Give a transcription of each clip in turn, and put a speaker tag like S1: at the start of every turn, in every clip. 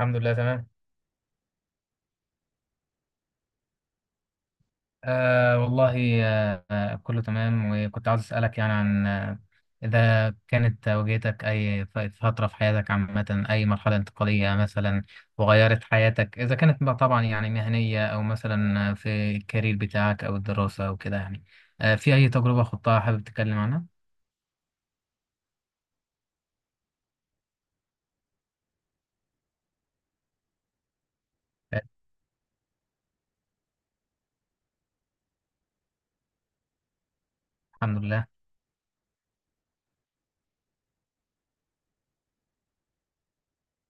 S1: الحمد لله، تمام. آه والله، كله تمام، وكنت عاوز أسألك يعني عن إذا كانت واجهتك أي فترة في حياتك، عامة أي مرحلة انتقالية مثلا وغيرت حياتك، إذا كانت بقى طبعا يعني مهنية أو مثلا في الكارير بتاعك أو الدراسة أو كده يعني، في أي تجربة خضتها حابب تتكلم عنها؟ آه، الحمد لله.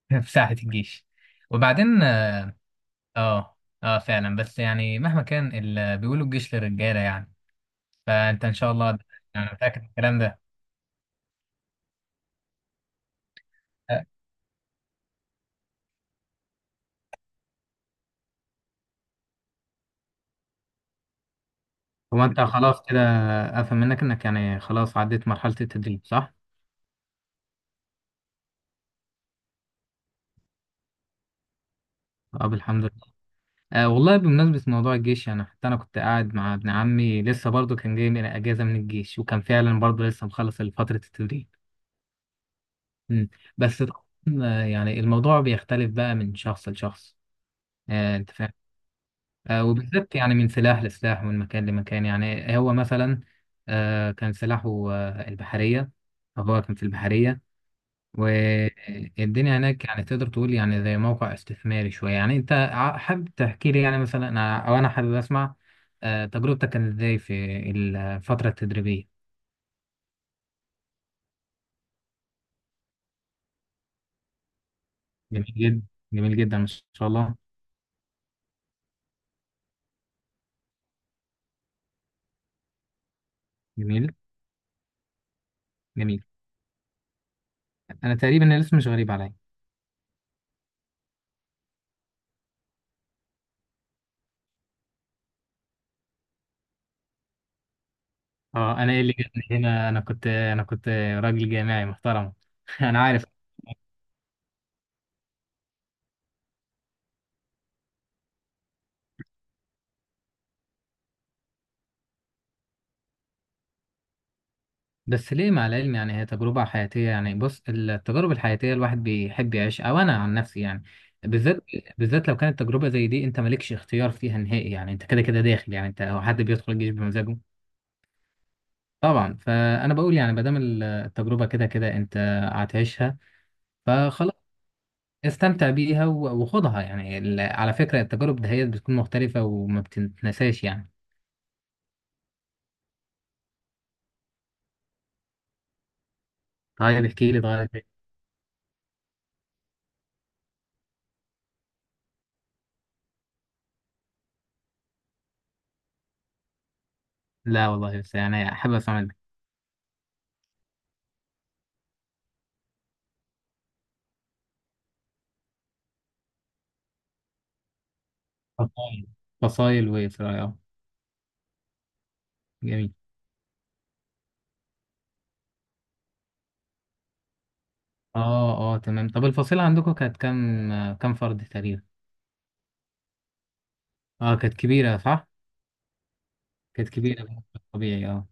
S1: في ساعة الجيش. وبعدين آه فعلا، بس يعني مهما كان بيقولوا الجيش للرجالة يعني. فأنت إن شاء الله يعني متأكد من الكلام ده. هو انت خلاص كده، افهم منك انك يعني خلاص عديت مرحلة التدريب، صح؟ طب الحمد لله. آه والله، بمناسبة موضوع الجيش، يعني حتى انا كنت قاعد مع ابن عمي لسه برضه كان جاي من اجازة من الجيش، وكان فعلا برضه لسه مخلص فترة التدريب. مم. بس طبعاً، يعني الموضوع بيختلف بقى من شخص لشخص. آه انت فاهم. وبالذات يعني من سلاح لسلاح ومن مكان لمكان، يعني هو مثلا كان سلاحه البحرية. فهو كان في البحرية. والدنيا هناك يعني تقدر تقول يعني زي موقع استثماري شوية، يعني أنت حابب تحكي لي يعني مثلا، أنا أو أنا حابب أسمع تجربتك كانت إزاي في الفترة التدريبية. جميل جدا، جميل جدا ما شاء الله. جميل، جميل. أنا تقريبا الاسم مش غريب عليا. أه، أنا إيه اللي جابني هنا؟ أنا كنت راجل جامعي محترم. أنا عارف. بس ليه؟ مع العلم يعني هي تجربة حياتية، يعني بص، التجارب الحياتية الواحد بيحب يعيش، أو أنا عن نفسي يعني، بالذات بالذات لو كانت تجربة زي دي أنت مالكش اختيار فيها نهائي، يعني أنت كده كده داخل. يعني أنت، هو حد بيدخل الجيش بمزاجه؟ طبعا. فأنا بقول يعني، ما دام التجربة كده كده أنت هتعيشها، فخلاص استمتع بيها وخدها. يعني على فكرة التجارب ده هي بتكون مختلفة وما بتتنساش يعني. طيب احكي لي، طيب. لا والله، بس يعني حابب أسمع منك. فصايل، وإيه؟ جميل. اه اه، تمام. طب الفصيلة عندكم كانت كام، كام فرد تقريبا؟ اه كانت كبيرة، صح؟ كانت كبيرة بشكل طبيعي، اه.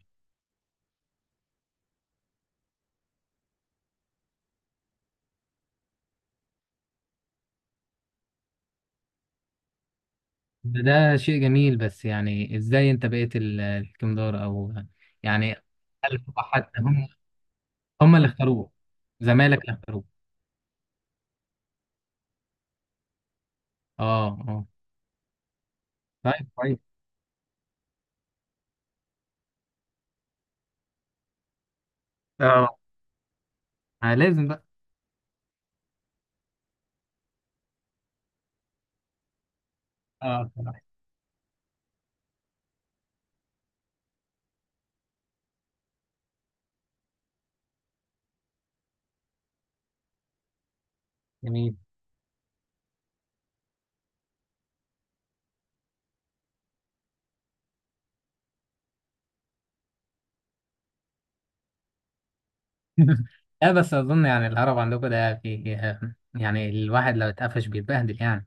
S1: ده شيء جميل، بس يعني ازاي انت بقيت الكمدار او يعني؟ هل هو حتى هم اللي اختاروه؟ زمالك اللي اختاروه. اه اه، طيب كويس. اه لازم بقى. اه، صراحة. جميل. لا، بس اظن يعني الهرب عندكم ده في، يعني الواحد لو اتقفش بيتبهدل يعني.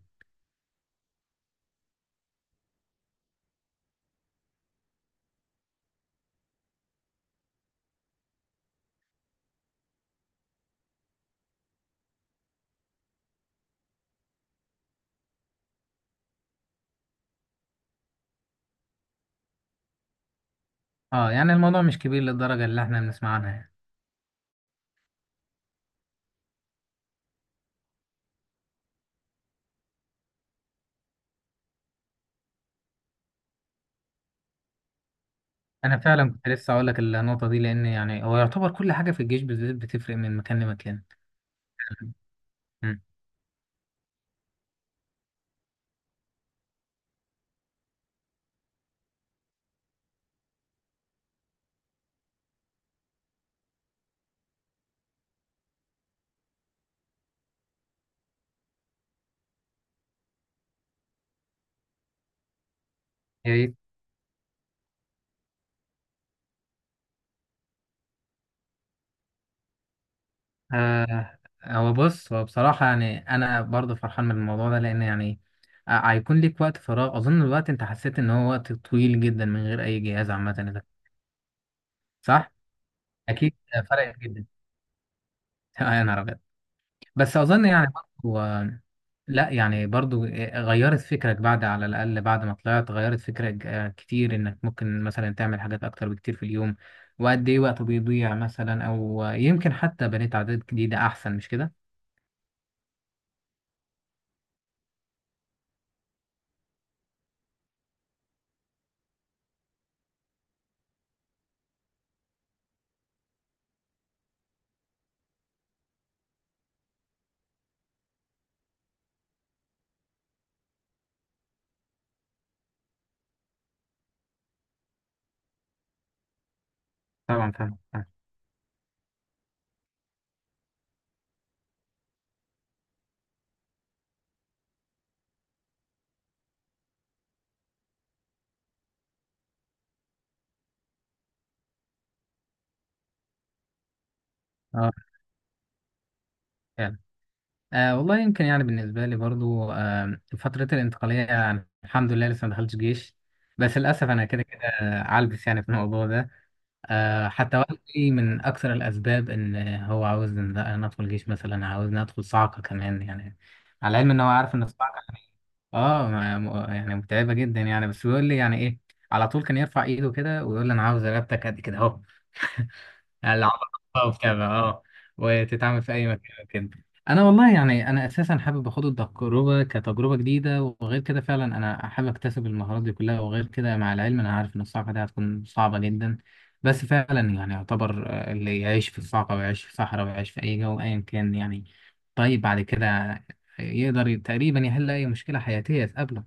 S1: اه، يعني الموضوع مش كبير للدرجة اللي احنا بنسمع عنها يعني. انا فعلا كنت لسه اقول لك النقطه دي، لان يعني هو يعتبر كل حاجه في الجيش بالذات بتفرق من مكان لمكان. أمم. يعني آه هو بص، هو بصراحه يعني انا برضه فرحان من الموضوع ده، لان يعني هيكون ليك وقت فراغ. اظن الوقت انت حسيت ان هو وقت طويل جدا من غير اي جهاز، عامه ده. صح. اكيد فرقت جدا. يا نهار أبيض. بس اظن يعني برضو لا يعني برضو غيرت فكرك بعد، على الاقل بعد ما طلعت غيرت فكرك كتير انك ممكن مثلا تعمل حاجات اكتر بكتير في اليوم، وقد ايه وقت بيضيع مثلا، او يمكن حتى بنيت عادات جديدة احسن، مش كده؟ طبعا فاهم، فاهم. اه، فعلا. آه والله يمكن يعني بالنسبة لي برضو فترة الانتقالية، يعني الحمد لله لسه ما دخلتش جيش، بس للأسف أنا كده كده عالبس يعني في الموضوع ده. حتى والدي من أكثر الأسباب، إن هو عاوز إن، لا، أنا أدخل جيش مثلا، عاوزني أدخل صعقة كمان يعني. على العلم إن هو عارف إن الصعقة يعني متعبة جدا يعني، بس بيقول لي يعني إيه، على طول كان يرفع إيده كده ويقول لي أنا عاوز رقبتك قد كده أهو. يعني العبارة وبتاع، وتتعمل في أي مكان كده. أنا والله يعني أنا أساسا حابب أخد التجربة كتجربة جديدة، وغير كده فعلا أنا حابب أكتسب المهارات دي كلها، وغير كده مع العلم أنا عارف إن الصعقة دي هتكون صعبة جدا، بس فعلا يعني يعتبر اللي يعيش في الصعقة ويعيش في صحراء ويعيش في أي جو أيا كان يعني، طيب بعد كده يقدر تقريبا يحل أي مشكلة حياتية تقابله.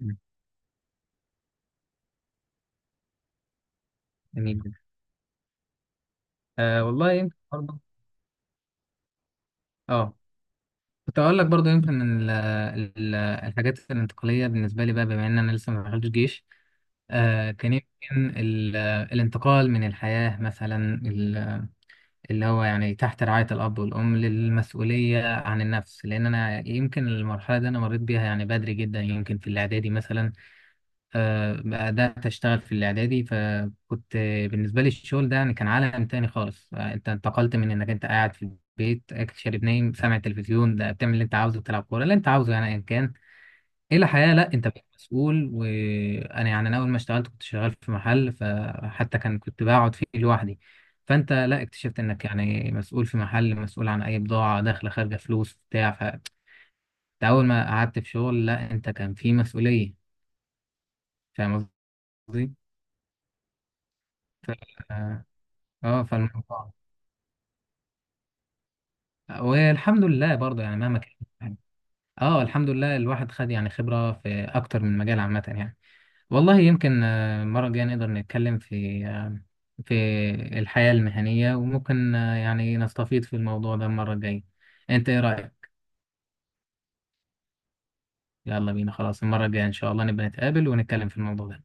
S1: مم. جميل جدا. آه والله يمكن برضه، اه كنت اقول لك برضو يمكن الحاجات الانتقاليه بالنسبه لي بقى، بما ان انا لسه ما دخلتش جيش، كان يمكن الانتقال من الحياه مثلا اللي هو يعني تحت رعايه الاب والام للمسؤوليه عن النفس، لان انا يمكن المرحله دي انا مريت بيها يعني بدري جدا، يمكن في الاعدادي مثلا. آه، بدأت أشتغل في الإعدادي. فكنت بالنسبة لي الشغل ده يعني كان عالم تاني خالص، أنت انتقلت من إنك أنت قاعد في البيت، أكل شارب نايم سامع التلفزيون، ده بتعمل اللي أنت عاوزه، بتلعب كورة اللي أنت عاوزه، يعني أيا كان، إلى حياة لأ أنت بقيت مسؤول. وأنا يعني أنا أول ما اشتغلت كنت شغال في محل، فحتى كان كنت بقعد فيه لوحدي. فأنت لأ اكتشفت إنك يعني مسؤول في محل، مسؤول عن أي بضاعة داخلة خارجة فلوس بتاع، فأنت أول ما قعدت في شغل، لأ أنت كان في مسؤولية، فاهم قصدي؟ ف- اه فالموضوع، والحمد لله برضه يعني مهما كان، يعني اه الحمد لله الواحد خد يعني خبرة في أكتر من مجال عامة يعني. والله يمكن المرة الجاية نقدر نتكلم في في الحياة المهنية، وممكن يعني نستفيض في الموضوع ده المرة الجاية. أنت إيه رأيك؟ يلا بينا خلاص، المرة الجاية إن شاء الله نبقى نتقابل ونتكلم في الموضوع ده.